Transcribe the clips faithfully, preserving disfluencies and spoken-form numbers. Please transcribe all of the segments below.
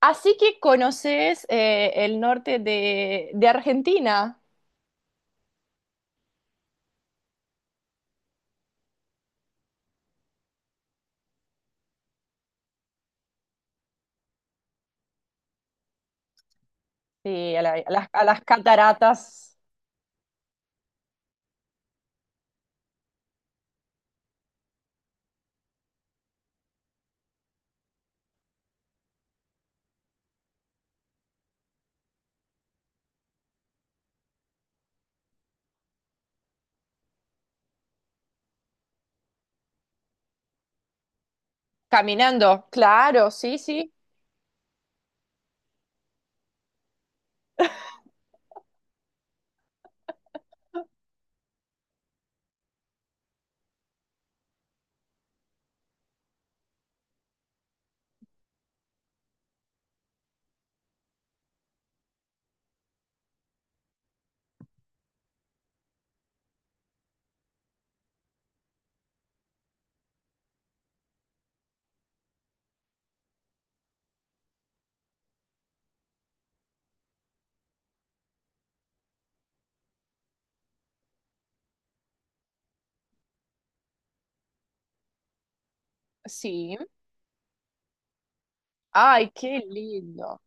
Así que conoces eh, el norte de, de Argentina, sí, a, la- a las, a las cataratas caminando. Claro, sí, sí, sí. Ay, qué lindo.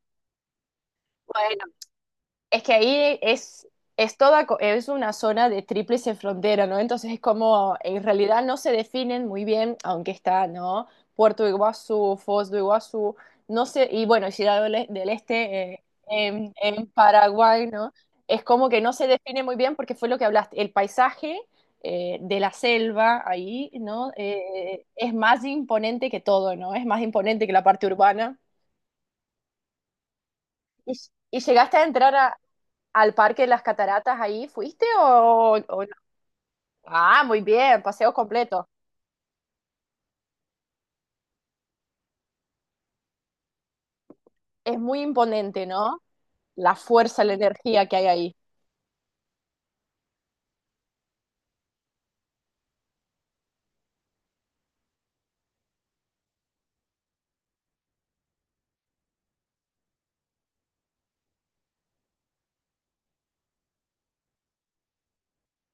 Es que ahí es, es toda, co- es una zona de tríplice frontera, ¿no? Entonces es como, en realidad no se definen muy bien, aunque está, ¿no? Puerto Iguazú, Foz do Iguazú, no sé, y bueno, Ciudad del E- del Este eh, en, en Paraguay, ¿no? Es como que no se define muy bien porque fue lo que hablaste, el paisaje eh, de la selva ahí, ¿no? Eh, es más imponente que todo, ¿no? Es más imponente que la parte urbana. ¿Y, y llegaste a entrar a, al Parque de las Cataratas ahí fuiste o, o no? Ah, muy bien, paseo completo. Es muy imponente, ¿no? La fuerza, la energía que hay ahí.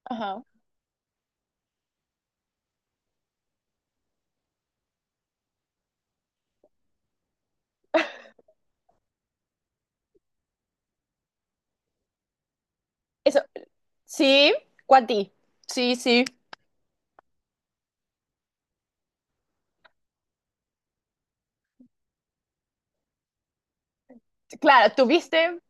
Ajá. Eso, sí, Cuati. Sí, sí. Claro, tuviste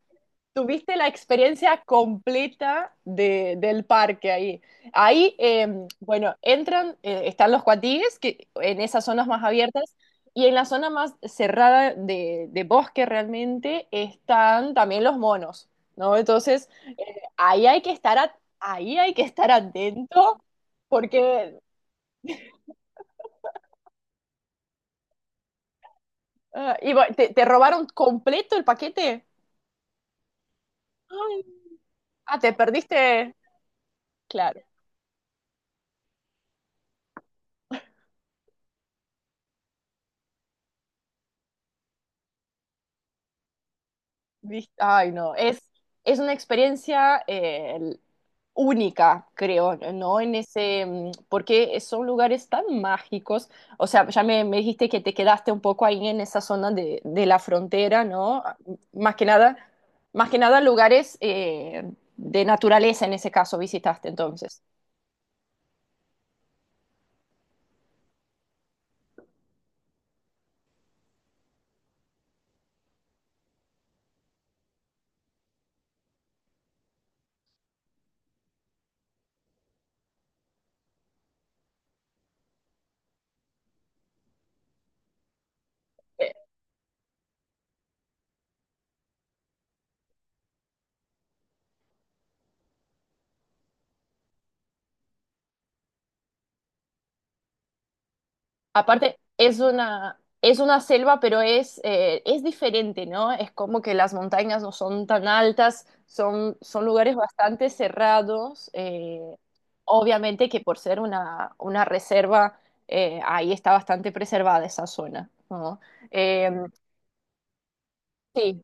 tuviste la experiencia completa de- del parque ahí. Ahí, eh, bueno, entran, eh, están los cuatíes, que en esas zonas más abiertas, y en la zona más cerrada de, de bosque realmente están también los monos, ¿no? Entonces, eh, ahí hay que estar, at- ahí hay que estar atento, porque, ah, y bueno, ¿te, te robaron completo el paquete? Ay, ah, te perdiste, claro. Vis- Ay, no, es, es una experiencia eh, el- única, creo, ¿no? En ese, mm, porque son lugares tan mágicos, o sea, ya me, me dijiste que te quedaste un poco ahí en esa zona de, de la frontera, ¿no? Más que nada, más que nada lugares eh, de naturaleza en ese caso visitaste entonces. Aparte, es una, es una selva, pero es, eh, es diferente, ¿no? Es como que las montañas no son tan altas, son, son lugares bastante cerrados. Eh, obviamente que por ser una, una reserva, eh, ahí está bastante preservada esa zona, ¿no? Eh, sí,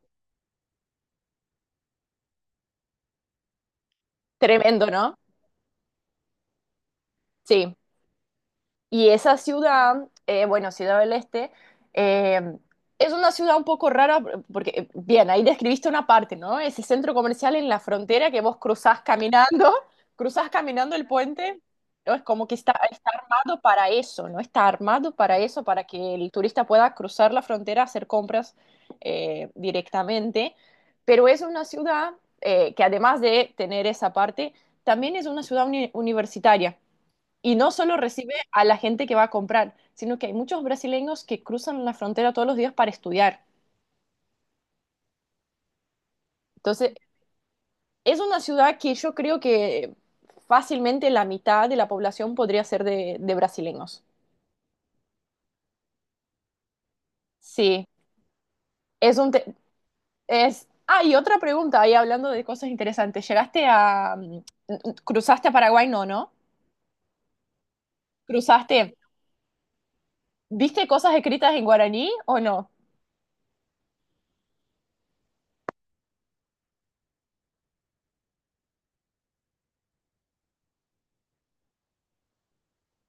tremendo, ¿no? Sí. Y esa ciudad, eh, bueno, Ciudad del Este, eh, es una ciudad un poco rara, porque, eh, bien, ahí describiste una parte, ¿no? Ese centro comercial en la frontera que vos cruzás caminando, cruzás caminando el puente, ¿no? Es como que está, está armado para eso, ¿no? Está armado para eso, para que el turista pueda cruzar la frontera, hacer compras eh, directamente. Pero es una ciudad eh, que además de tener esa parte, también es una ciudad uni- universitaria. Y no solo recibe a la gente que va a comprar, sino que hay muchos brasileños que cruzan la frontera todos los días para estudiar. Entonces, es una ciudad que yo creo que fácilmente la mitad de la población podría ser de, de brasileños. Sí, es un... te- es... Ah, y otra pregunta, ahí hablando de cosas interesantes. ¿Llegaste a... mm, ¿Cruzaste a Paraguay? No, ¿no? ¿Cruzaste? ¿Viste cosas escritas en guaraní o no?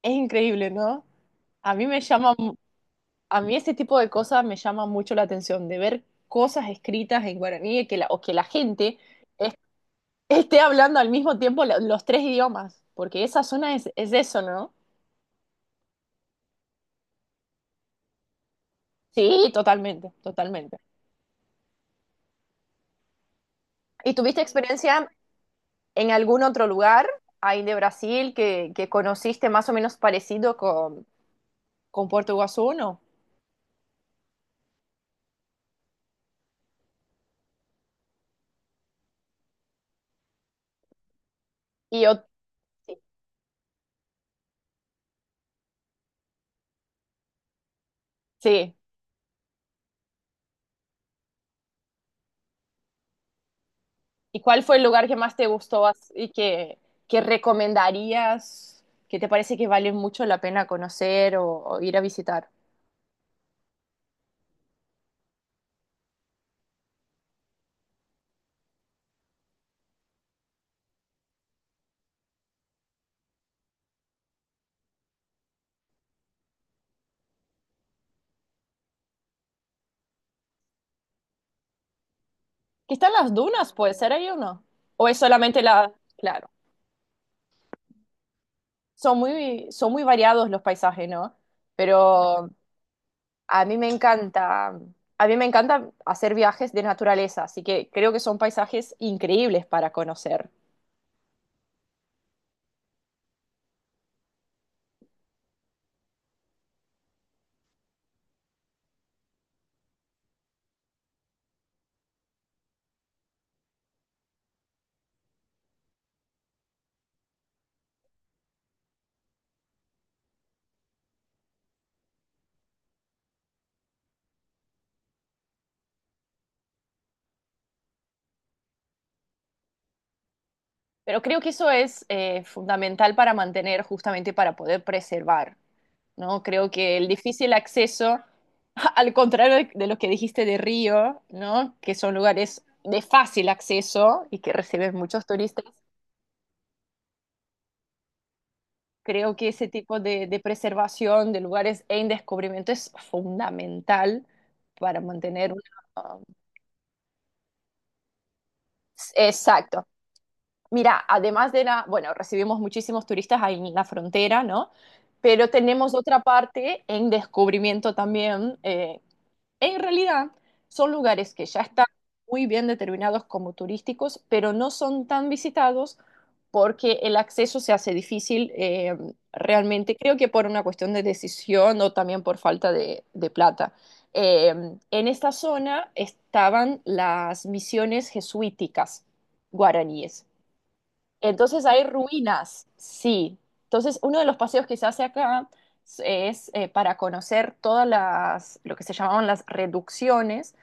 Es increíble, ¿no? A mí me llama a mí este tipo de cosas me llama mucho la atención, de ver cosas escritas en guaraní que la, o que la gente es- esté hablando al mismo tiempo lo- los tres idiomas, porque esa zona es, es eso, ¿no? Sí, totalmente, totalmente. ¿Y tuviste experiencia en algún otro lugar ahí de Brasil que, que conociste más o menos parecido con, con Puerto Iguazú, no? Y yo, sí, sí. ¿Y cuál fue el lugar que más te gustó as- y que, que recomendarías, que te parece que vale mucho la pena conocer o, o ir a visitar? Que están las dunas, puede ser ahí o no. O es solamente la... Claro, son muy, son muy variados los paisajes, ¿no? Pero a mí me encanta, a mí me encanta hacer viajes de naturaleza, así que creo que son paisajes increíbles para conocer. Pero creo que eso es eh, fundamental para mantener, justamente para poder preservar ¿no? Creo que el difícil acceso, al contrario de, de lo que dijiste de Río, ¿no? Que son lugares de fácil acceso y que reciben muchos turistas, creo que ese tipo de, de preservación de lugares en descubrimiento es fundamental para mantener una... um, Exacto. Mira, además de la, bueno, recibimos muchísimos turistas ahí en la frontera, ¿no? Pero tenemos otra parte en descubrimiento también, eh, en realidad, son lugares que ya están muy bien determinados como turísticos, pero no son tan visitados porque el acceso se hace difícil eh, realmente, creo que por una cuestión de decisión o también por falta de, de plata. Eh, en esta zona estaban las misiones jesuíticas guaraníes. Entonces hay ruinas, sí. Entonces uno de los paseos que se hace acá es eh, para conocer todas las, lo que se llamaban las reducciones,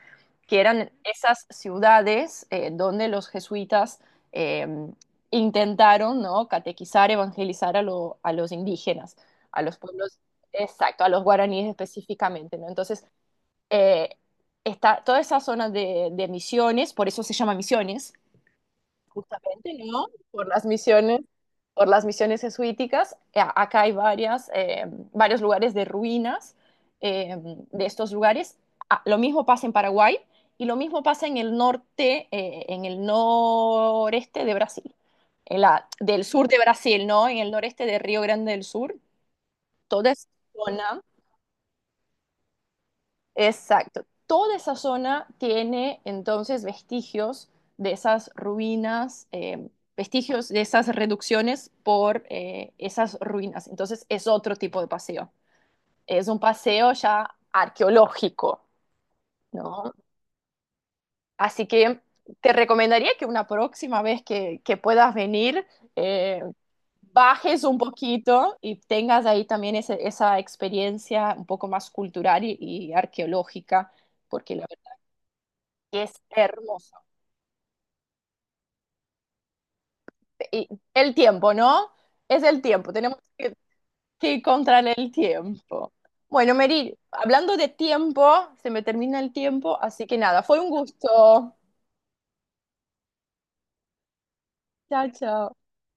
que eran esas ciudades eh, donde los jesuitas eh, intentaron, ¿no? Catequizar, evangelizar a, lo- a los indígenas, a los pueblos, exacto, a los guaraníes específicamente, ¿no? Entonces, eh, está toda esa zona de, de misiones, por eso se llama misiones, justamente, ¿no? Por las misiones, por las misiones jesuíticas. A- Acá hay varias, eh, varios lugares de ruinas eh, de estos lugares. Ah, lo mismo pasa en Paraguay y lo mismo pasa en el norte, eh, en el noreste de Brasil, en la, del sur de Brasil, ¿no? En el noreste de Río Grande del Sur, toda esa zona exacto. Toda esa zona tiene entonces vestigios de esas ruinas, eh, vestigios de esas reducciones por eh, esas ruinas. Entonces es otro tipo de paseo. Es un paseo ya arqueológico, ¿no? Así que te recomendaría que una próxima vez que, que puedas venir, eh, bajes un poquito y tengas ahí también ese- esa experiencia un poco más cultural y, y arqueológica, porque la Y es hermoso. Y el tiempo, ¿no? Es el tiempo. Tenemos que, que ir contra el tiempo. Bueno, Meryl, hablando de tiempo, se me termina el tiempo, así que nada, fue un gusto. Chao, chao.